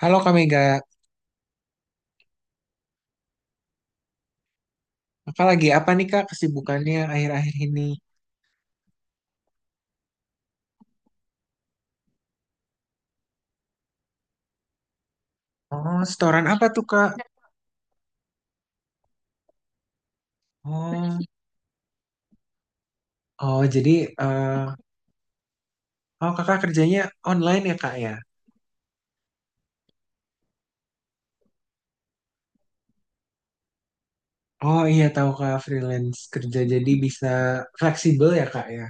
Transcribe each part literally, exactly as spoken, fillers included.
Halo Kak Mega, Kakak lagi apa nih Kak kesibukannya akhir-akhir ini? Oh, setoran apa tuh Kak? Oh, oh jadi eh oh Kakak kerjanya online ya Kak ya? Oh iya tahu Kak freelance kerja jadi bisa fleksibel ya Kak ya?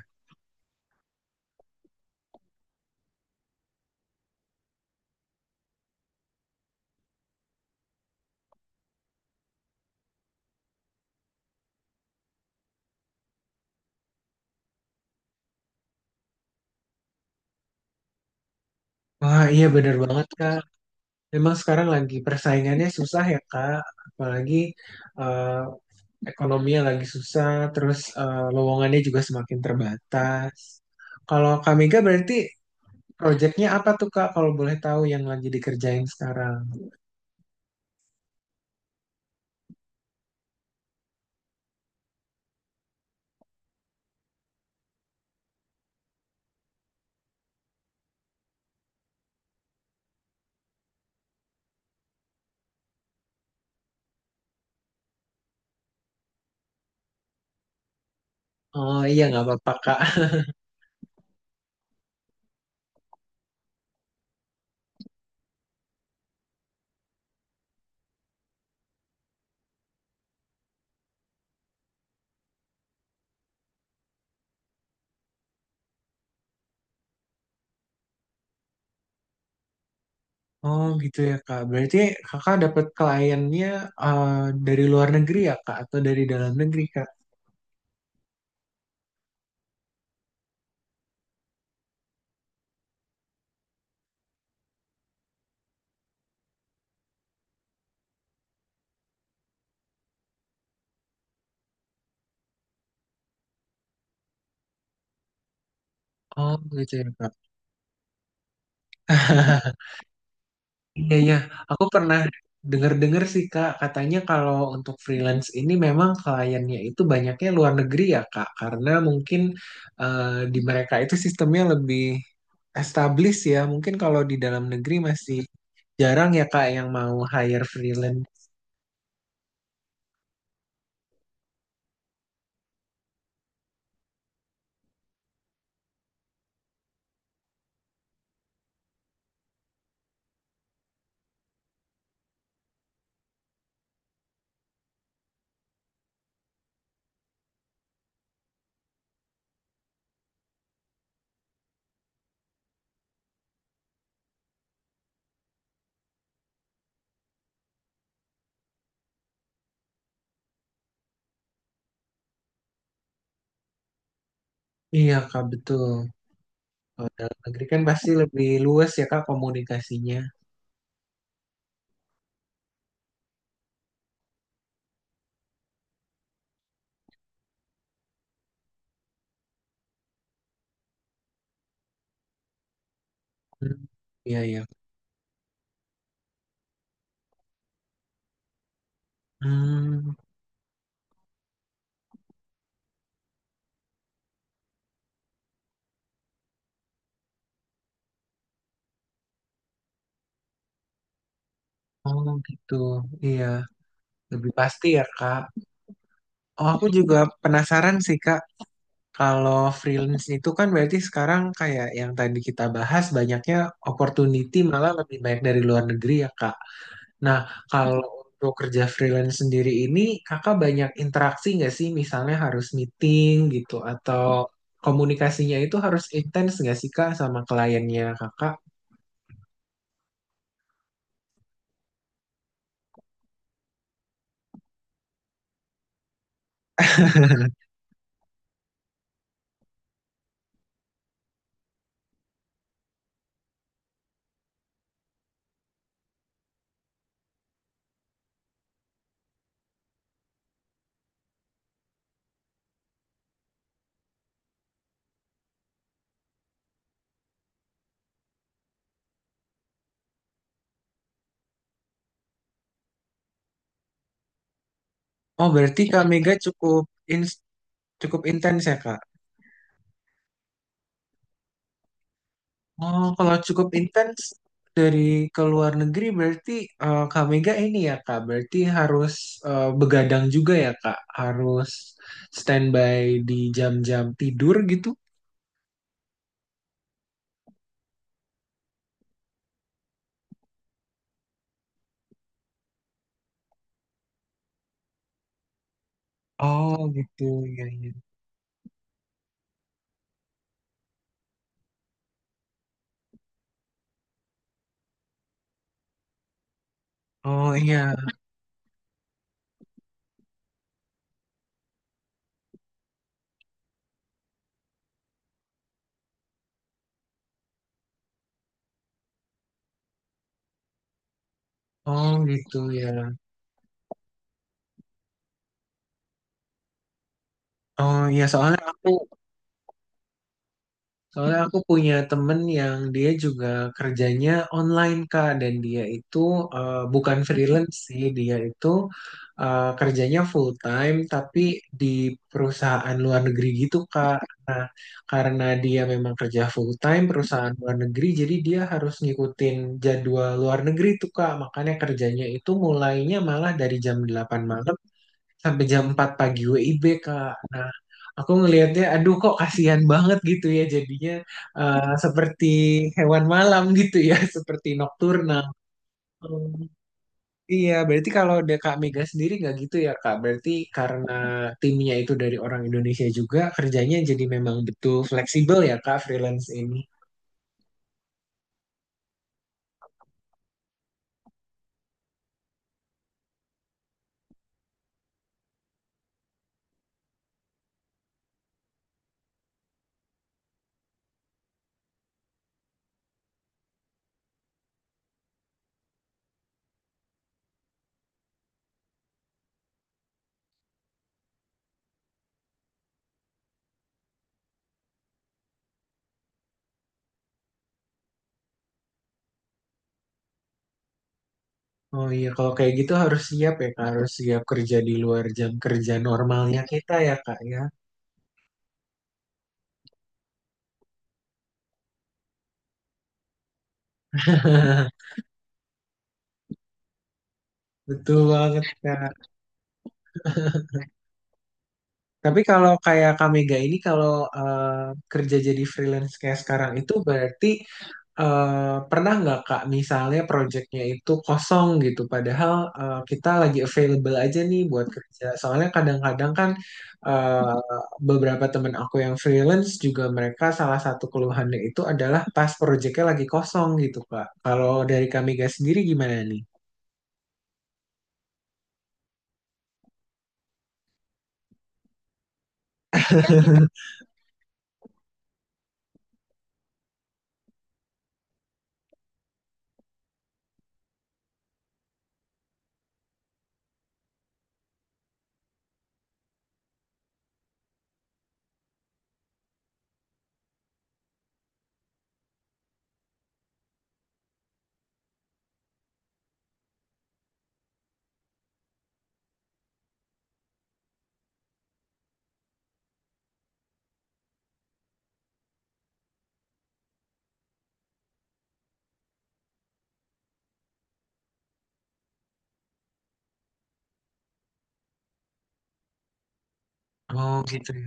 Wah iya bener banget Kak. Memang sekarang lagi persaingannya susah ya Kak, apalagi eh ekonominya lagi susah, terus eh, lowongannya juga semakin terbatas. Kalau Kak Mega berarti proyeknya apa tuh Kak, kalau boleh tahu yang lagi dikerjain sekarang? Oh iya, nggak apa-apa Kak. Oh gitu ya Kak. Berarti Kakak dapat kliennya eh, dari luar negeri ya Kak, atau dari dalam negeri Kak? Oh gitu ya Kak. Iya, iya. Aku pernah dengar-dengar sih, Kak. Katanya kalau untuk freelance ini memang kliennya itu banyaknya luar negeri ya, Kak. Karena mungkin eh, di mereka itu sistemnya lebih established ya. Mungkin kalau di dalam negeri masih jarang ya, Kak, yang mau hire freelance. Iya, Kak, betul. Kalau dalam negeri kan pasti lebih luas ya, Kak, komunikasinya. Hmm, iya, iya. Hmm, oh gitu. Iya, lebih pasti ya, Kak. Oh, aku juga penasaran sih, Kak. Kalau freelance itu kan berarti sekarang kayak yang tadi kita bahas banyaknya opportunity malah lebih banyak dari luar negeri ya Kak. Nah, kalau untuk kerja freelance sendiri ini Kakak banyak interaksi nggak sih? Misalnya harus meeting gitu atau komunikasinya itu harus intens nggak sih Kak sama kliennya Kakak? Oh, berarti Kak Mega cukup ins- cukup intens ya Kak? Oh, kalau cukup intens dari ke luar negeri berarti eh, Kak Mega ini ya Kak, berarti harus eh, begadang juga ya Kak, harus standby di jam-jam tidur gitu. Oh gitu ya, iya, iya. Oh iya, oh gitu ya. Oh iya soalnya aku Soalnya aku punya temen yang dia juga kerjanya online Kak dan dia itu eh, bukan freelance sih, dia itu eh, kerjanya full time tapi di perusahaan luar negeri gitu Kak. Karena dia memang kerja full time perusahaan luar negeri jadi dia harus ngikutin jadwal luar negeri tuh Kak. Makanya kerjanya itu mulainya malah dari jam delapan malam sampai jam empat pagi W I B Kak. Nah, aku ngelihatnya aduh kok kasihan banget gitu ya jadinya eh, seperti hewan malam gitu ya, seperti nokturnal. Hmm, iya, berarti kalau ada Kak Mega sendiri nggak gitu ya Kak. Berarti karena timnya itu dari orang Indonesia juga, kerjanya jadi memang betul fleksibel ya Kak freelance ini. Oh iya, kalau kayak gitu harus siap ya Kak, harus siap kerja di luar jam kerja normalnya kita ya Kak ya. Betul banget Kak. Tapi kalau kayak Kamega ini kalau eh, kerja jadi freelance kayak sekarang itu berarti eh, pernah nggak Kak misalnya proyeknya itu kosong gitu padahal eh, kita lagi available aja nih buat kerja. Soalnya kadang-kadang kan eh, beberapa temen aku yang freelance juga mereka salah satu keluhannya itu adalah pas proyeknya lagi kosong gitu Kak. Kalau dari Kamega sendiri gimana nih? Oh gitu ya.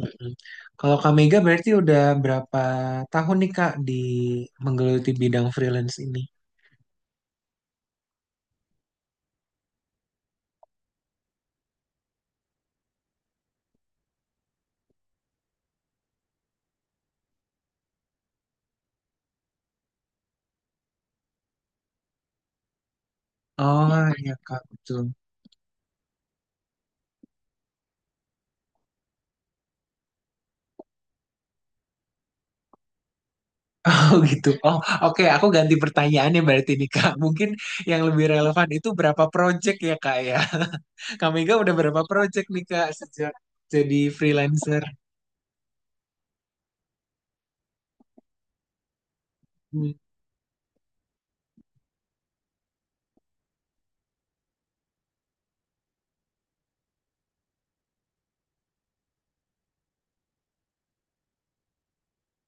Mm-mm. Kalau Kak Mega berarti udah berapa tahun nih Kak di menggeluti bidang freelance ini? Oh iya Kak, betul. Oh gitu. Oh, oke, aku ganti pertanyaannya berarti nih Kak. Mungkin yang lebih relevan itu berapa project ya Kak ya? Kak Mega udah berapa project nih Kak sejak jadi freelancer? Hmm.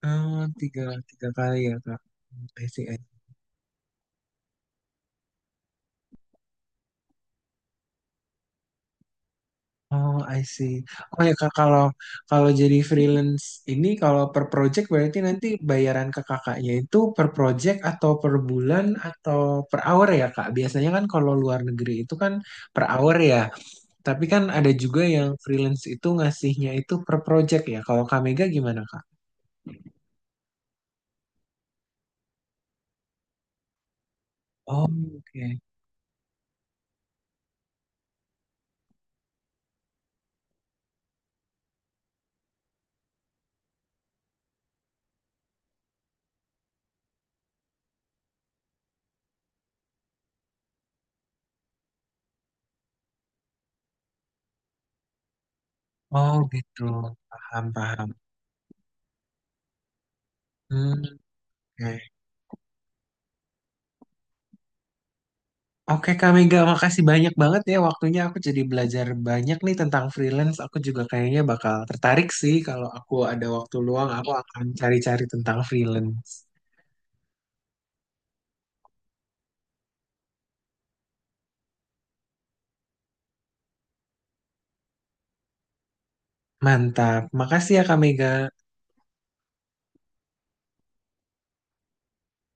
Oh, tiga, tiga kali ya Kak. Hmm, I see. Oh, I see. Oh ya kak, kalau kalau jadi freelance ini kalau per project berarti nanti bayaran ke kakaknya itu per project atau per bulan atau per hour ya kak? Biasanya kan kalau luar negeri itu kan per hour ya. Tapi kan ada juga yang freelance itu ngasihnya itu per project ya. Kalau Kamega gimana kak? Oh, oke. Oh, gitu. Paham, paham. Hmm, oke. Oke Kak Mega, makasih banyak banget ya waktunya. Aku jadi belajar banyak nih tentang freelance. Aku juga kayaknya bakal tertarik sih kalau aku ada waktu luang, aku akan cari-cari tentang freelance. Mantap. Makasih ya Kak Mega.